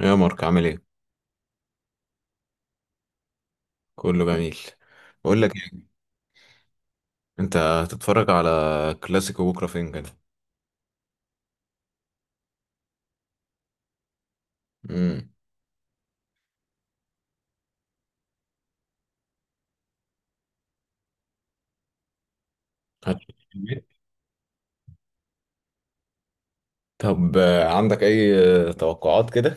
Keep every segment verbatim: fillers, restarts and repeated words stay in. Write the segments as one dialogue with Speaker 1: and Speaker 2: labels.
Speaker 1: يا مارك عامل ايه؟ كله جميل. بقول لك ايه، انت هتتفرج على كلاسيكو بكره فين كده؟ امم. طب آه، عندك اي آه، توقعات كده؟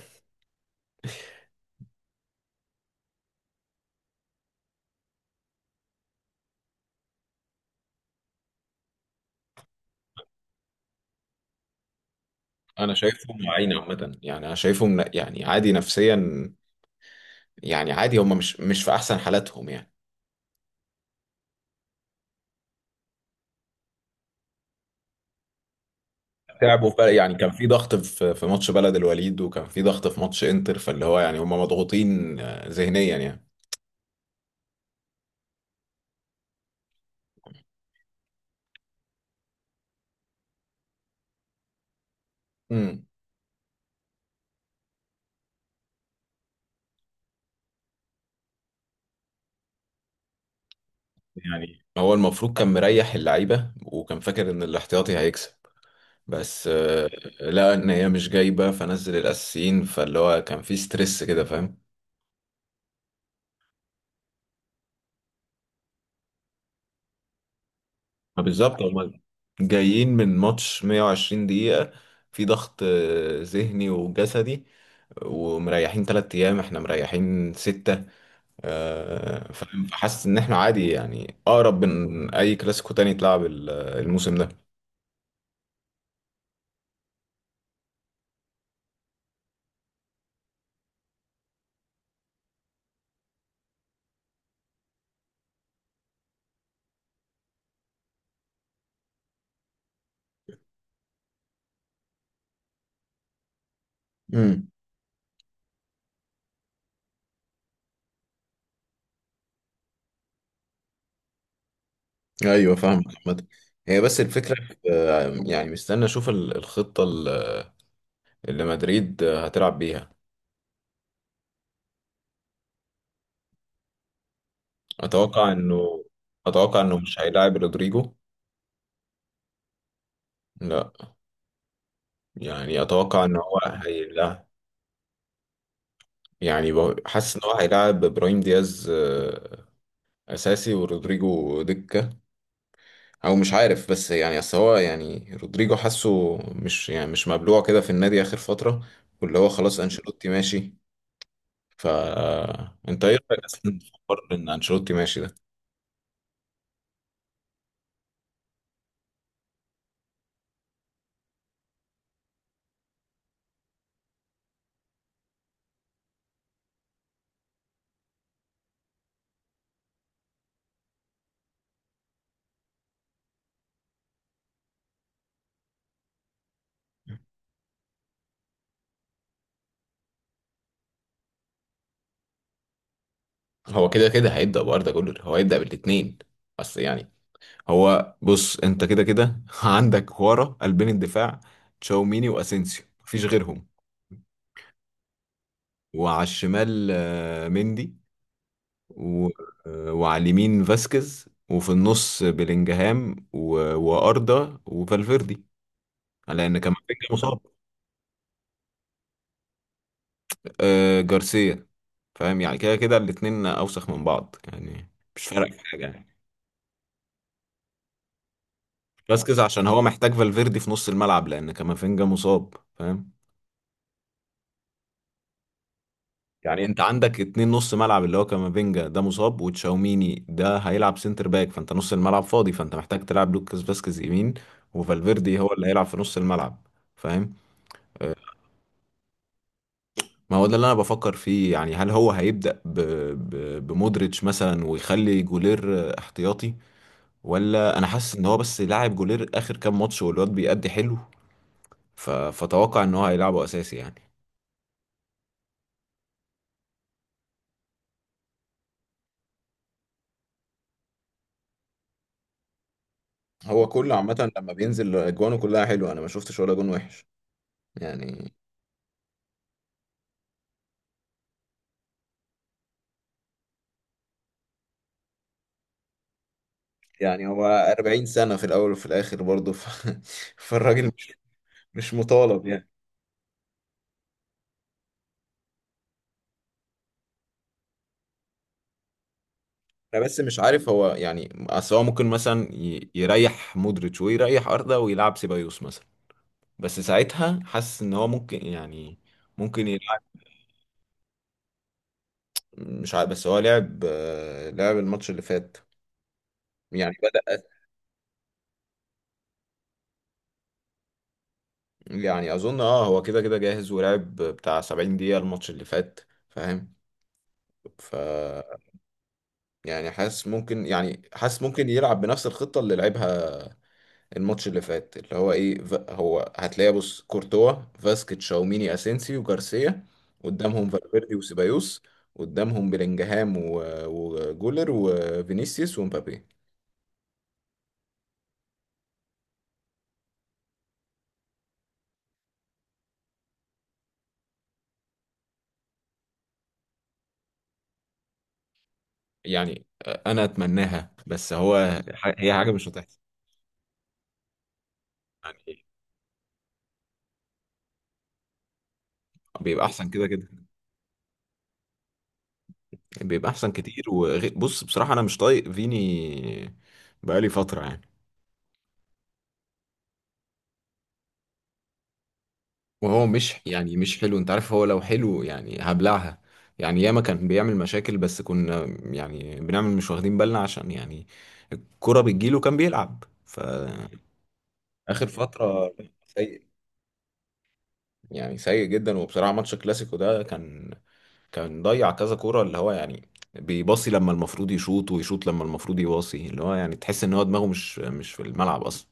Speaker 1: انا شايفهم واعيين عامه، يعني انا شايفهم ن- يعني عادي نفسيا، يعني عادي، هم مش مش في احسن حالاتهم يعني. تعبوا في بل- يعني كان في ضغط، في في ماتش بلد الوليد، وكان في ضغط في ماتش انتر، فاللي هو يعني هم مضغوطين آه، ذهنيا يعني. امم. يعني هو المفروض كان مريح اللعيبه، وكان فاكر ان الاحتياطي هيكسب، بس آه، لقى ان هي مش جايبه، فنزل الاساسيين، فاللي هو كان في ستريس كده، فاهم. ما بالظبط، هما جايين من ماتش 120 دقيقه، في ضغط آه، ذهني وجسدي، ومريحين تلات ايام، احنا مريحين ستة، آه، فاهم. فحاسس ان احنا عادي، يعني اقرب من اي كلاسيكو تاني اتلعب ال- الموسم ده. امم. ايوه فاهم عامة. هي بس الفكره، آه، يعني مستني اشوف ال- الخطه ال- اللي مدريد آه، هتلعب بيها. اتوقع انه اتوقع انه مش هيلاعب رودريجو. لا، يعني اتوقع ان هو هيلا يعني ب- حاسس ان هو هيلاعب ابراهيم دياز آه، اساسي، ورودريجو دكه. او مش عارف، بس يعني اصل هو يعني رودريجو حاسه مش يعني مش مبلوع كده في النادي اخر فتره، واللي هو خلاص انشيلوتي ماشي. ف انت ايه رايك اصلا في حوار ان انشيلوتي ماشي ده؟ هو كده كده هيبدا باردا جولر، هو هيبدا بالاثنين. بس يعني هو بص، انت كده كده عندك ورا قلبين الدفاع، تشاوميني واسينسيو، مفيش غيرهم. وعلى الشمال آه، مندي و... آه، وعلى اليمين فاسكيز، وفي النص بلينجهام و... واردا وفالفيردي، لان كامافينجا مصاب. آه، جارسيا. فاهم، يعني كده كده الاتنين اوسخ من بعض يعني، مش فارق في حاجه يعني. فاسكيز عشان هو محتاج فالفيردي في نص الملعب، لان كامافينجا مصاب، فاهم. يعني انت عندك اتنين نص ملعب، اللي هو كامافينجا ده مصاب، وتشاوميني ده هيلعب سنتر باك، فانت نص الملعب فاضي، فانت محتاج تلعب لوكاس فاسكيز يمين، وفالفيردي هو اللي هيلعب في نص الملعب، فاهم. اه، ما هو ده اللي انا بفكر فيه، يعني هل هو هيبدأ ب... ب... بمودريتش مثلا، ويخلي جولير اه، احتياطي، ولا انا حاسس ان هو بس لاعب جولير اخر كام ماتش، والواد بيأدي حلو، ف... فتوقع ان هو هيلعبه اساسي يعني. هو كله عامة لما بينزل اجوانه كلها حلوة، انا ما شفتش ولا جون وحش يعني. يعني هو 40 سنة في الأول وفي الآخر برضه ف... فالراجل مش مش مطالب يعني. أنا بس مش عارف هو يعني، أصل هو ممكن مثلا ي- يريح مودريتش ويريح أردا ويلعب سيبايوس مثلا، بس ساعتها حاسس إن هو ممكن يعني، ممكن يلعب. مش عارف، بس هو لعب آه، لعب الماتش اللي فات. يعني بدأ، يعني أظن أه هو كده كده جاهز، ولعب بتاع 70 دقيقة الماتش اللي فات، فاهم. ف يعني حاسس ممكن، يعني حاسس ممكن يلعب بنفس الخطة اللي لعبها الماتش اللي فات، اللي هو ايه، ف- هو هتلاقي بص كورتوا، فاسكيت شاوميني اسينسي وجارسيا، قدامهم فالفيردي وسيبايوس، قدامهم بلينجهام و- وجولر وفينيسيوس ومبابي. يعني انا اتمناها، بس هو ح- هي حاجه مش هتحصل. يعني بيبقى احسن كده كده، بيبقى احسن كتير. وبص بصراحه، انا مش طايق فيني بقالي فتره يعني. وهو مش يعني مش حلو، انت عارف، هو لو حلو يعني هبلعها، يعني ياما كان بيعمل مشاكل بس كنا، يعني بنعمل مش واخدين بالنا، عشان يعني الكرة بتجيله كان بيلعب فآخر فترة. سيء، يعني سيء جدا. وبصراحة ماتش الكلاسيكو ده كان كان ضيع كذا كرة، اللي هو يعني بيباصي لما المفروض يشوط، ويشوط لما المفروض يباصي، اللي هو يعني تحس ان هو دماغه مش مش في الملعب اصلا.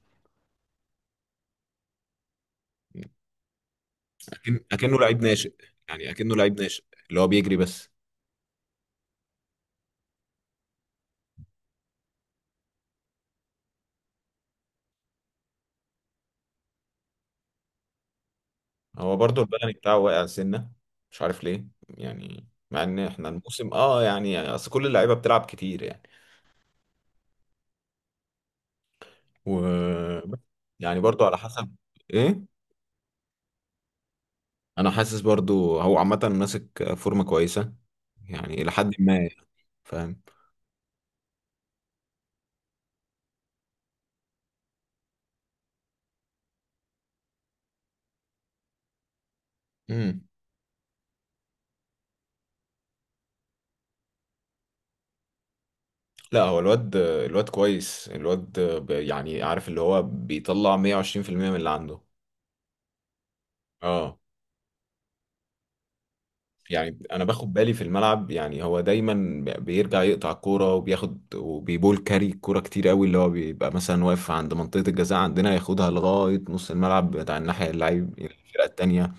Speaker 1: أكن أكنه لعيب ناشئ، يعني أكنه لعيب ناشئ اللي هو بيجري بس. هو برضو البدني بتاعه واقع سنة، مش عارف ليه يعني، مع ان احنا الموسم اه يعني اصل كل اللعيبة بتلعب كتير يعني. و يعني برضو على حسب ايه. انا حاسس برضو هو عامة ماسك فورمة كويسة، يعني الى حد ما يعني، فاهم. امم. لا هو الواد، الواد كويس، الواد ب- يعني عارف اللي هو بيطلع مئة وعشرين في المية من اللي عنده. اه. يعني انا باخد بالي في الملعب، يعني هو دايما بيرجع يقطع الكوره وبياخد وبيبول كاري الكوره كتير قوي، اللي هو بيبقى مثلا واقف عند منطقه الجزاء عندنا، ياخدها لغايه نص الملعب بتاع الناحيه، اللعيب الفرقه التانيه.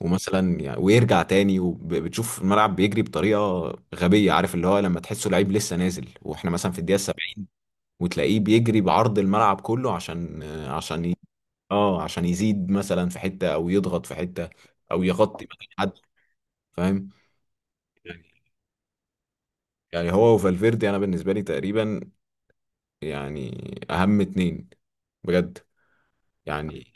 Speaker 1: ومثلا يعني ويرجع تاني، وبتشوف الملعب بيجري بطريقه غبيه، عارف اللي هو لما تحسه لعيب لسه نازل واحنا مثلا في الدقيقه سبعين، وتلاقيه بيجري بعرض الملعب كله عشان عشان ي- اه عشان يزيد مثلا في حته، او يضغط في حته، او يغطي مكان حد، فاهم. يعني يعني هو وفالفيردي انا بالنسبه لي تقريبا، يعني اهم اتنين بجد يعني.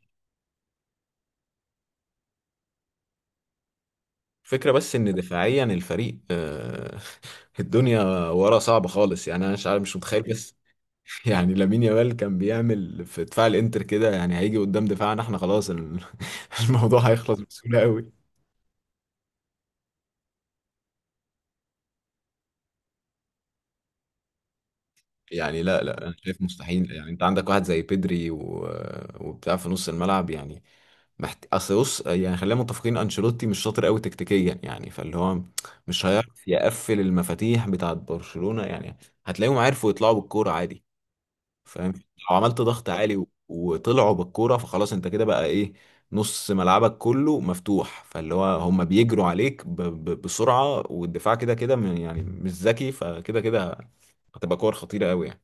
Speaker 1: فكرة بس ان دفاعيا الفريق آه، الدنيا ورا صعبة خالص يعني، انا مش عارف، مش متخيل بس يعني لامين يامال كان بيعمل في دفاع الانتر كده، يعني هيجي قدام دفاعنا احنا خلاص ال- الموضوع هيخلص بسهولة قوي يعني. لا لا، انا شايف مستحيل يعني، انت عندك واحد زي بيدري و... وبتاع في نص الملعب يعني، محت... اصل بص، يعني خلينا متفقين انشيلوتي مش شاطر قوي تكتيكيا يعني، فاللي هو مش هيعرف يقفل المفاتيح بتاعت برشلونة يعني، هتلاقيهم عرفوا يطلعوا بالكورة عادي، فاهم. لو عملت ضغط عالي و... وطلعوا بالكورة، فخلاص انت كده بقى ايه، نص ملعبك كله مفتوح، فاللي هو هم بيجروا عليك ب... ب... بسرعة، والدفاع كده كده م- يعني مش ذكي، فكده كده هتبقى كور خطيرة قوي يعني.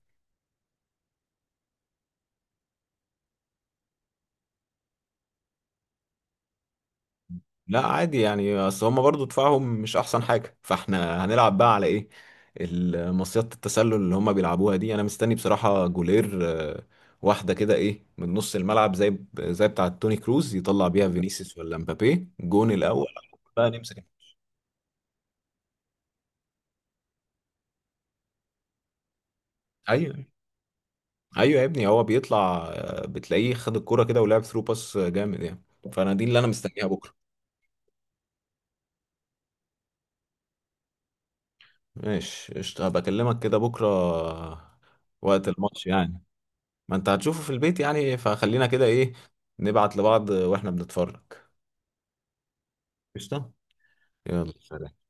Speaker 1: لا عادي يعني، اصل هما برضو دفاعهم مش احسن حاجه، فاحنا هنلعب بقى على ايه، المصيدة التسلل اللي هما بيلعبوها دي. انا مستني بصراحه جولير آه، واحده كده ايه من نص الملعب، زي زي بتاعه توني كروز، يطلع بيها فينيسيوس ولا مبابي جون الاول، بقى نمسك. ايوه، ايوه يا ابني، هو بيطلع آه، بتلاقيه خد الكرة كده، ولعب ثرو باس جامد يعني، فانا دي اللي انا مستنيها بكره. ماشي قشطة، هبقى اكلمك كده بكره آه، وقت الماتش يعني. ما انت هتشوفه في البيت يعني، فخلينا كده ايه، نبعت لبعض واحنا بنتفرج. قشطة، يلا سلام.